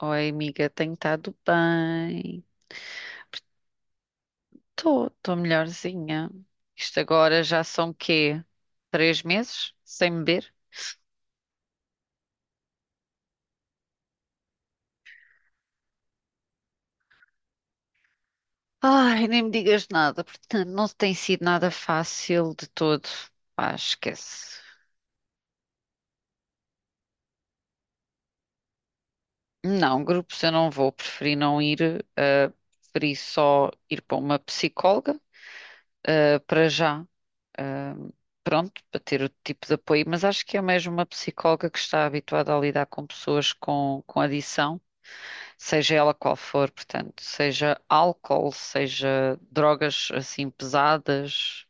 Oi, amiga, tenho estado bem. Estou melhorzinha. Isto agora já são quê? Três meses sem beber? Ai, nem me digas nada, portanto, não tem sido nada fácil de todo. Pá, esquece. Não, grupos eu não vou, preferi não ir, ah, preferi só ir para uma psicóloga, ah, para já. Ah, pronto, para ter o tipo de apoio, mas acho que é mesmo uma psicóloga que está habituada a lidar com pessoas com adição. Seja ela qual for, portanto, seja álcool, seja drogas assim pesadas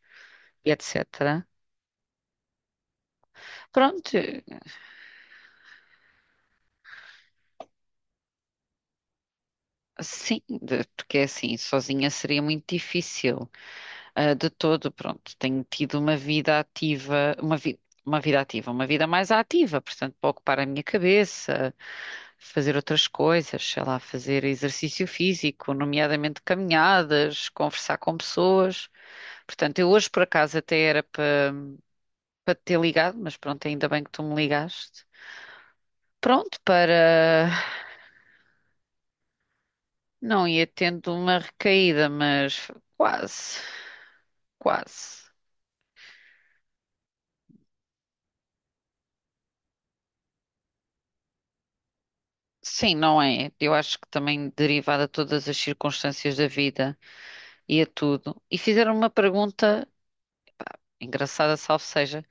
e etc. Pronto, sim, porque é assim, sozinha seria muito difícil. Ah, de todo, pronto, tenho tido uma vida ativa, uma vida. Uma vida ativa, uma vida mais ativa, portanto, para ocupar a minha cabeça, fazer outras coisas, sei lá, fazer exercício físico, nomeadamente caminhadas, conversar com pessoas. Portanto, eu hoje por acaso até era para te ter ligado, mas pronto, ainda bem que tu me ligaste. Pronto, para não ia tendo uma recaída, mas quase, quase. Sim, não é? Eu acho que também derivada de todas as circunstâncias da vida e a tudo. E fizeram uma pergunta, engraçada, salvo seja,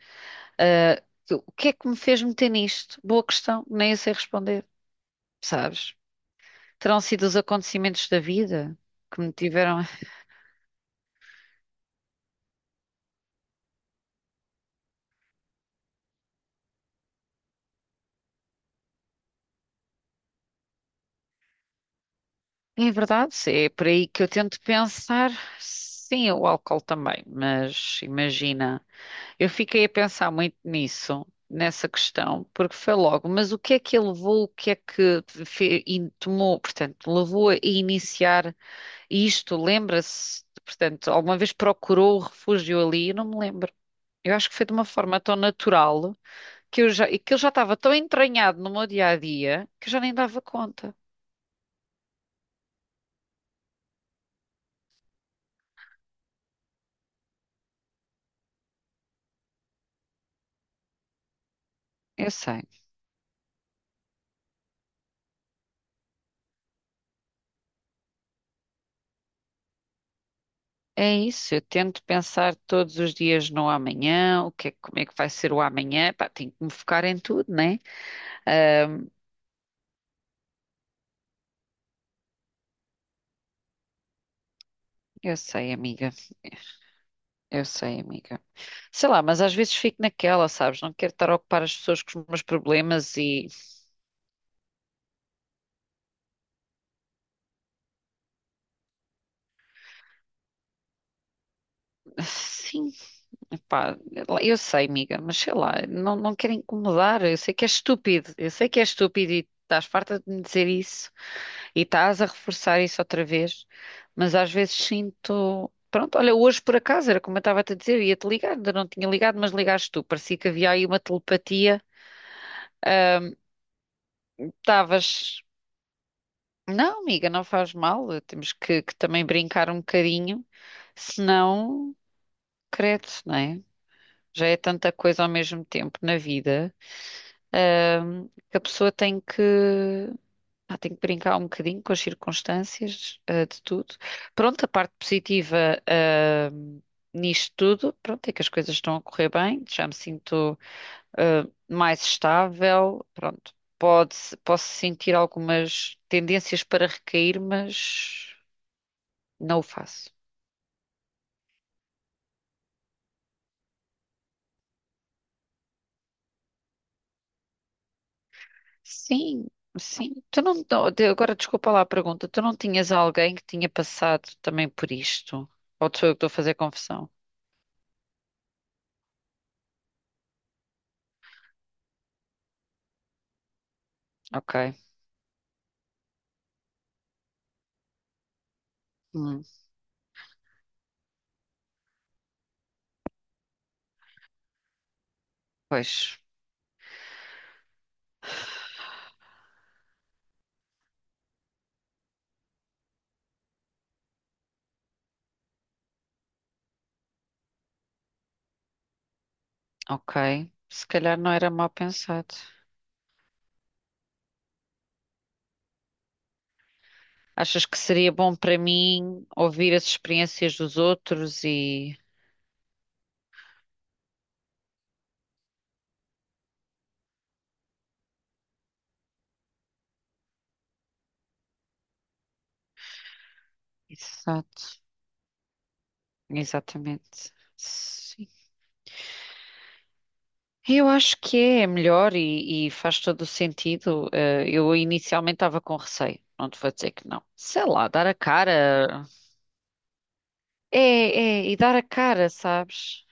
ah, o que é que me fez meter nisto? Boa questão, nem eu sei responder, sabes? Terão sido os acontecimentos da vida que me tiveram. É verdade, é por aí que eu tento pensar. Sim, o álcool também, mas imagina, eu fiquei a pensar muito nisso, nessa questão, porque foi logo, mas o que é que ele levou, o que é que tomou, portanto, levou a iniciar isto, lembra-se, portanto, alguma vez procurou o refúgio ali, eu não me lembro. Eu acho que foi de uma forma tão natural que eu já, e que ele já estava tão entranhado no meu dia a dia que eu já nem dava conta. Eu sei. É isso, eu tento pensar todos os dias no amanhã, o que é, como é que vai ser o amanhã, pá, tenho que me focar em tudo, né? Eu sei, amiga, eu sei, amiga. Sei lá, mas às vezes fico naquela, sabes? Não quero estar a ocupar as pessoas com os meus problemas e. Sim, pá, eu sei, amiga, mas sei lá, não quero incomodar, eu sei que é estúpido, eu sei que é estúpido e estás farta de me dizer isso. E estás a reforçar isso outra vez, mas às vezes sinto. Pronto, olha, hoje por acaso, era como eu estava a te dizer, ia-te ligar, ainda não tinha ligado, mas ligaste tu. Parecia que havia aí uma telepatia. Estavas. Não, amiga, não faz mal, temos que também brincar um bocadinho, senão, credo, não é? Já é tanta coisa ao mesmo tempo na vida, que a pessoa tem que. Pá, tenho que brincar um bocadinho com as circunstâncias, eh, de tudo. Pronto, a parte positiva, eh, nisto tudo, pronto, é que as coisas estão a correr bem, já me sinto, eh, mais estável, pronto. Pode, posso sentir algumas tendências para recair, mas não o faço. Sim, sim. Tu não, agora desculpa lá a pergunta, tu não tinhas alguém que tinha passado também por isto? Ou sou eu que estou a fazer confusão? Ok. Hum, pois. Ok. Se calhar não era mal pensado. Achas que seria bom para mim ouvir as experiências dos outros e. Exato. Exatamente. Sim. Eu acho que é melhor e faz todo o sentido. Eh, eu inicialmente estava com receio. Não te vou dizer que não. Sei lá, dar a cara. É, é, e dar a cara, sabes?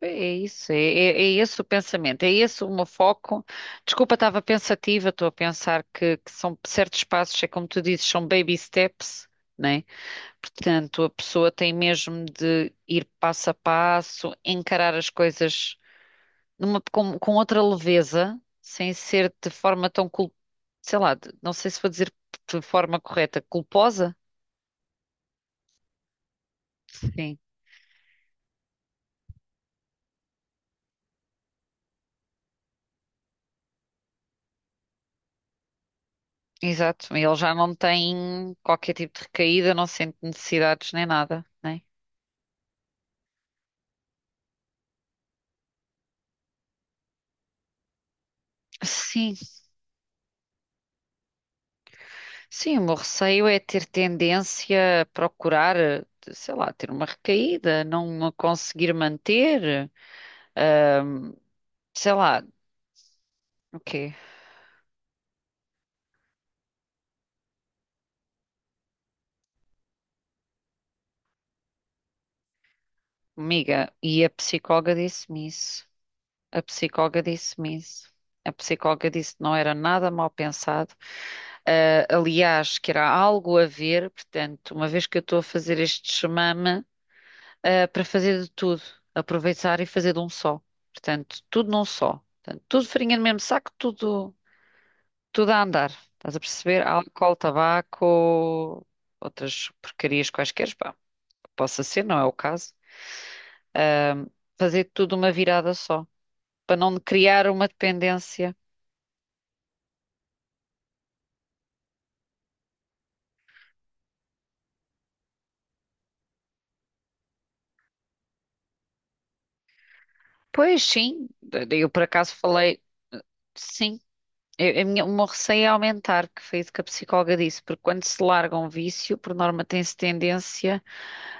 É isso, é esse o pensamento, é esse o meu foco. Desculpa, estava pensativa, estou a pensar que são certos passos, é como tu dizes, são baby steps, né? Portanto, a pessoa tem mesmo de ir passo a passo, encarar as coisas com outra leveza, sem ser de forma tão, sei lá, não sei se vou dizer de forma correta, culposa? Sim, exato. Ele já não tem qualquer tipo de recaída, não sente necessidades nem nada, né? Sim, sim, o meu receio é ter tendência a procurar, eh, sei lá, ter uma recaída, não a conseguir manter, sei lá, o quê? Amiga, e a psicóloga disse-me isso. A psicóloga disse-me isso. A psicóloga disse que não era nada mal pensado. Ah, aliás, que era algo a ver, portanto, uma vez que eu estou a fazer este chamame, ah, para fazer de tudo, aproveitar e fazer de um só. Portanto, tudo num só. Portanto, tudo farinha no mesmo saco, tudo. Tudo a andar. Estás a perceber? Álcool, tabaco, outras porcarias quaisquer, pá, possa ser, não é o caso. Fazer tudo uma virada só, para não criar uma dependência. Pois sim, eu por acaso falei, sim. O meu receio é aumentar, que foi isso que a psicóloga disse, porque quando se larga um vício, por norma tem-se tendência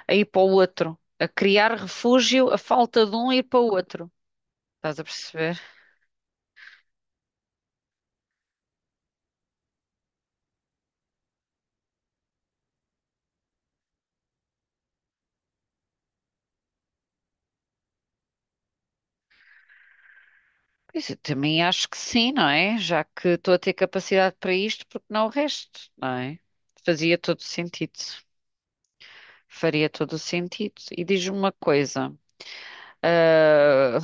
a ir para o outro, a criar refúgio, a falta de um e ir para o outro. Estás a perceber? Pois eu também acho que sim, não é? Já que estou a ter capacidade para isto, porque não o resto, não é? Fazia todo sentido. Faria todo o sentido. E diz-me uma coisa, ah,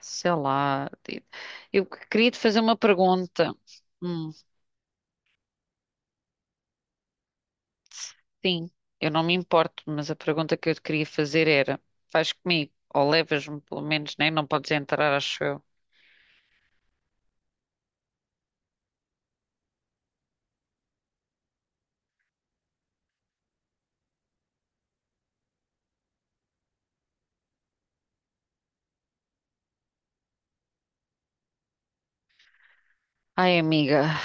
sei lá, eu queria te fazer uma pergunta. Hum, sim, eu não me importo, mas a pergunta que eu te queria fazer era: vais comigo ou levas-me pelo menos, nem. Não podes entrar, acho eu. Ai, amiga.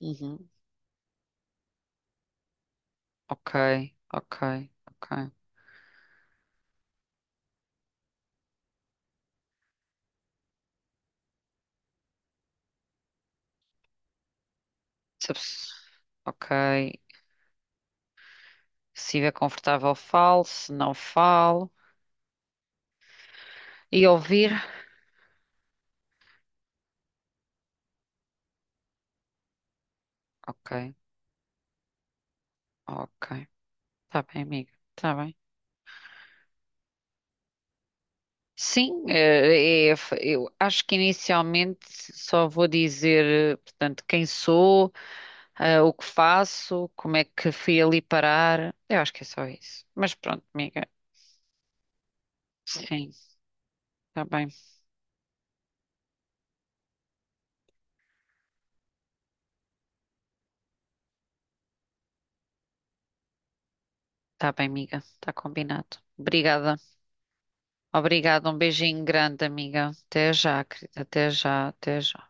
Uhum. Ok, ok, ok. Se a pesso- Ok. Se estiver confortável, falo. Se não, falo. E ouvir? Ok, ok. Tá bem, amiga. Tá bem. Sim, eu acho que inicialmente só vou dizer, eh, portanto, quem sou, eh, o que faço, como é que fui ali parar. Eu acho que é só isso. Mas pronto, amiga. Sim, tá bem. Tá bem, amiga. Tá combinado. Obrigada. Obrigada. Um beijinho grande, amiga. Até já, querida. Até já, até já.